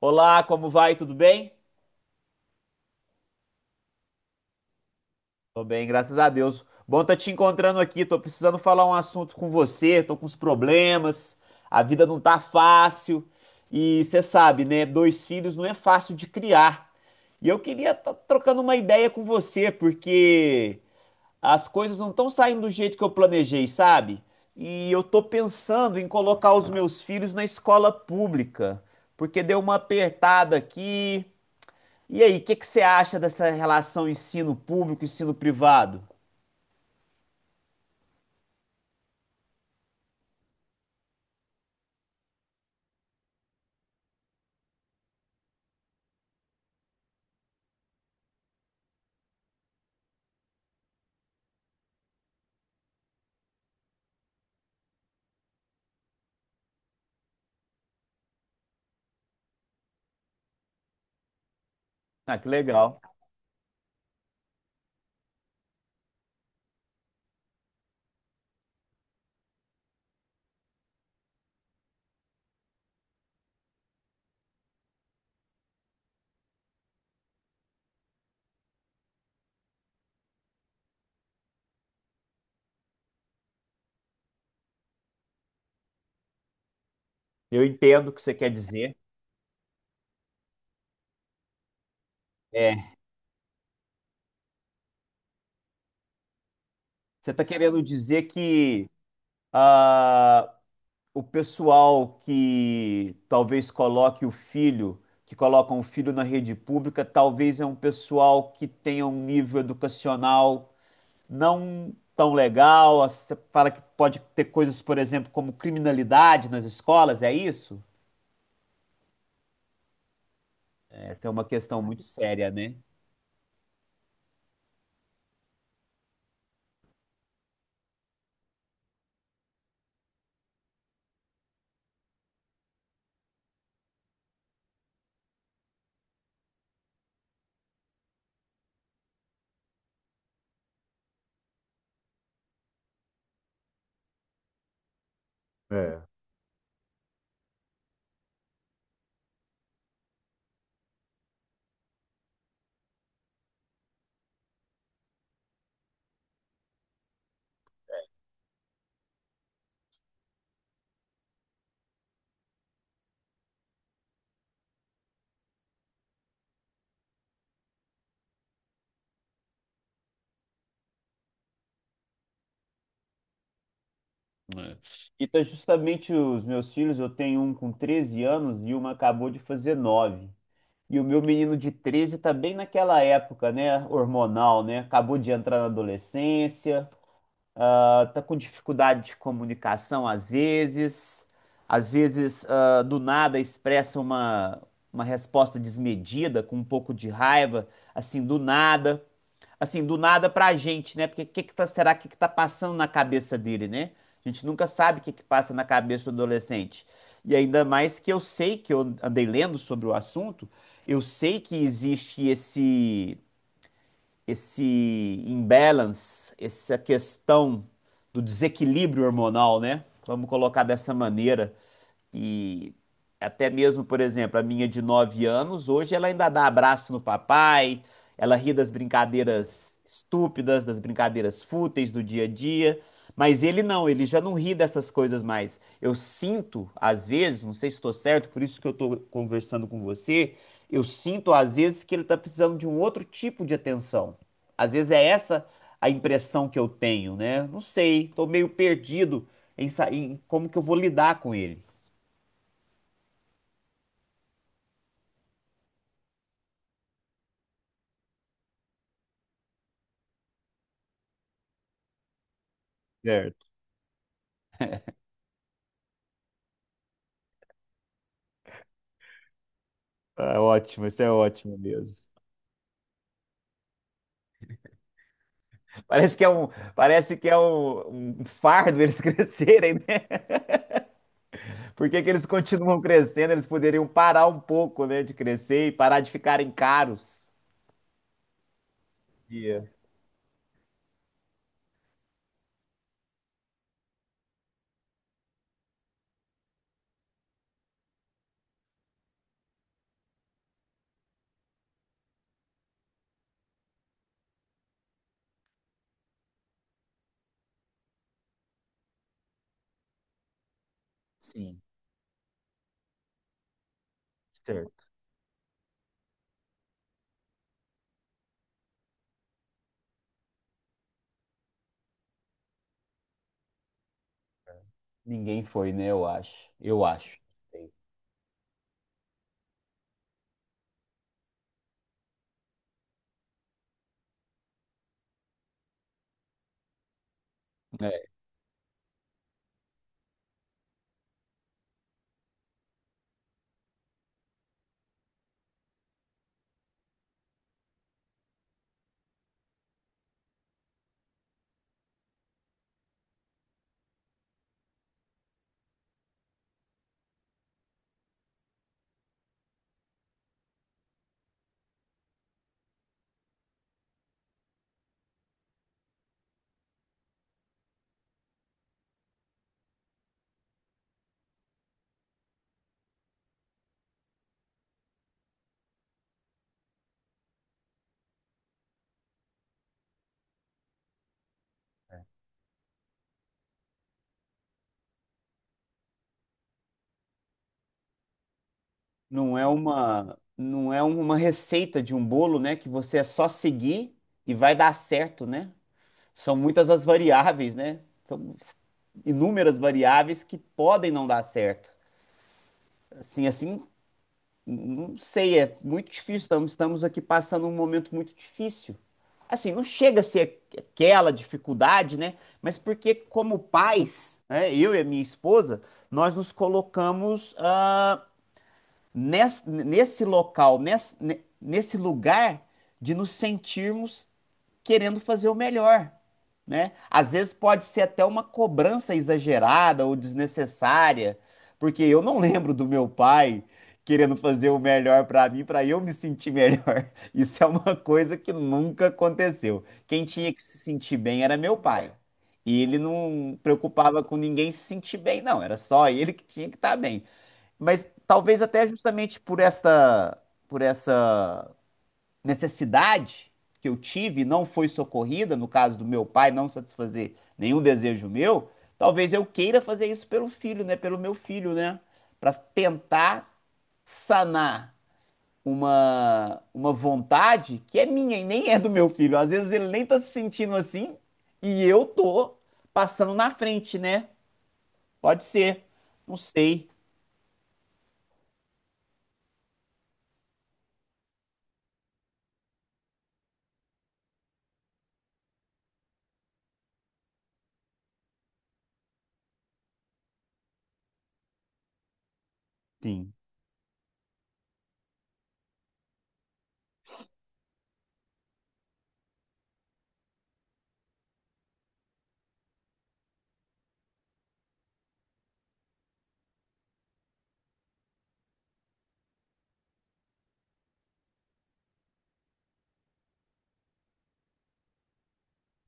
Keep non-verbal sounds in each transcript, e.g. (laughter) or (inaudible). Olá, como vai? Tudo bem? Tô bem, graças a Deus. Bom tá te encontrando aqui. Tô precisando falar um assunto com você. Tô com uns problemas. A vida não tá fácil. E você sabe, né? Dois filhos não é fácil de criar. E eu queria estar trocando uma ideia com você, porque as coisas não estão saindo do jeito que eu planejei, sabe? E eu tô pensando em colocar os meus filhos na escola pública, porque deu uma apertada aqui. E aí, o que que você acha dessa relação ensino público ensino privado? Ah, que legal. Eu entendo o que você quer dizer. É. Você está querendo dizer que ah, o pessoal que talvez coloque o filho, que colocam o filho na rede pública, talvez é um pessoal que tenha um nível educacional não tão legal. Você fala que pode ter coisas, por exemplo, como criminalidade nas escolas, é isso? Essa é uma questão muito séria, né? É. É. E tá justamente os meus filhos, eu tenho um com 13 anos e uma acabou de fazer 9. E o meu menino de 13 tá bem naquela época, né, hormonal, né? Acabou de entrar na adolescência, ah, tá com dificuldade de comunicação às vezes ah, do nada expressa uma resposta desmedida, com um pouco de raiva, assim, do nada assim, do nada pra gente, né? Porque o que que tá, será que tá passando na cabeça dele, né? A gente nunca sabe o que que passa na cabeça do adolescente. E ainda mais que eu sei que eu andei lendo sobre o assunto, eu sei que existe esse imbalance, essa questão do desequilíbrio hormonal, né? Vamos colocar dessa maneira, e até mesmo, por exemplo, a minha de 9 anos, hoje ela ainda dá abraço no papai, ela ri das brincadeiras estúpidas, das brincadeiras fúteis do dia a dia. Mas ele não, ele já não ri dessas coisas mais. Eu sinto, às vezes, não sei se estou certo, por isso que eu estou conversando com você, eu sinto, às vezes, que ele está precisando de um outro tipo de atenção. Às vezes é essa a impressão que eu tenho, né? Não sei, estou meio perdido em como que eu vou lidar com ele. Certo. Tá ótimo, isso é ótimo mesmo. Parece que é um, parece que é um, um fardo eles (laughs) crescerem, né? Por que que eles continuam crescendo? Eles poderiam parar um pouco, né, de crescer e parar de ficarem caros. Dia. Sim, certo. Ninguém foi, né? Eu acho. Eu acho. É. Não é uma receita de um bolo, né? Que você é só seguir e vai dar certo, né? São muitas as variáveis, né? São inúmeras variáveis que podem não dar certo. Assim, assim, não sei, é muito difícil. Estamos aqui passando um momento muito difícil. Assim, não chega a ser aquela dificuldade, né? Mas porque, como pais, né, eu e a minha esposa, nós nos colocamos ah, nes- nesse, local, nes- ne- nesse lugar de nos sentirmos querendo fazer o melhor, né? Às vezes pode ser até uma cobrança exagerada ou desnecessária, porque eu não (laughs) lembro do meu pai querendo fazer o melhor para mim, para eu me sentir melhor. (laughs) Isso é uma coisa que nunca aconteceu. Quem tinha que se sentir bem era meu pai. E ele não preocupava com ninguém se sentir bem, não. Era só ele que tinha que estar bem. Mas talvez até justamente por esta, por essa necessidade que eu tive não foi socorrida, no caso do meu pai não satisfazer nenhum desejo meu, talvez eu queira fazer isso pelo filho, né? Pelo meu filho, né? Para tentar sanar uma vontade que é minha e nem é do meu filho. Às vezes ele nem tá se sentindo assim e eu tô passando na frente, né? Pode ser. Não sei. Sim.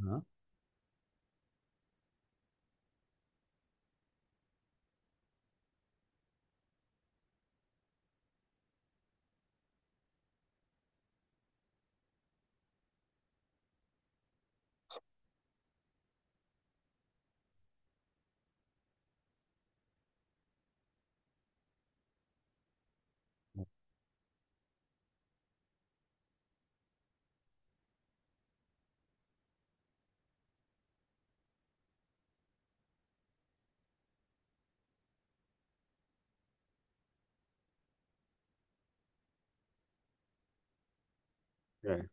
Hã? É,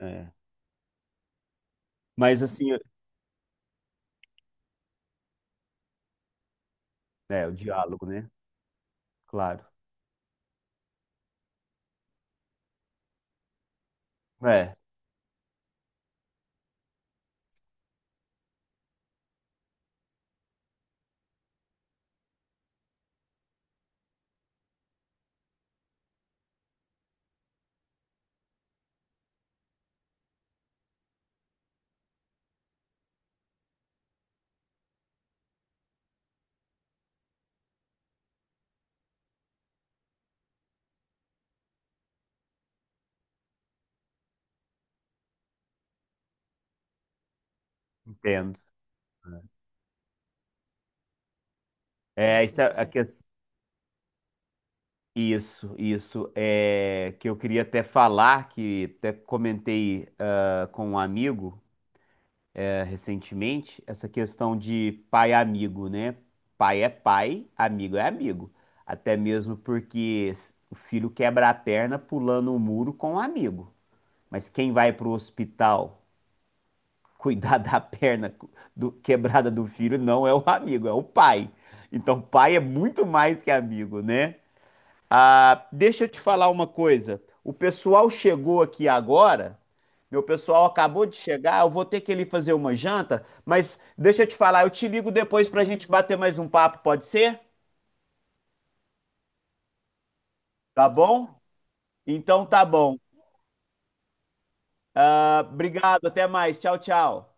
é. Mas assim, é, o diálogo, né? Claro. É, entendo. É, isso, é a isso, isso é que eu queria até falar, que até comentei ah, com um amigo eh, recentemente, essa questão de pai amigo, né? Pai é pai, amigo é amigo. Até mesmo porque o filho quebra a perna pulando o muro com o amigo. Mas quem vai para o hospital (laughs) cuidar da perna quebrada do filho não é o amigo, é o pai. Então, pai é muito mais que amigo, né? Ah, deixa eu te falar uma coisa. O pessoal chegou aqui agora. Meu pessoal acabou de chegar. Eu vou ter que ir ali fazer uma janta. Mas deixa eu te falar, eu te ligo depois pra gente bater mais um papo, pode ser? Tá bom? Então tá bom. Ah, obrigado, até mais. Tchau, tchau.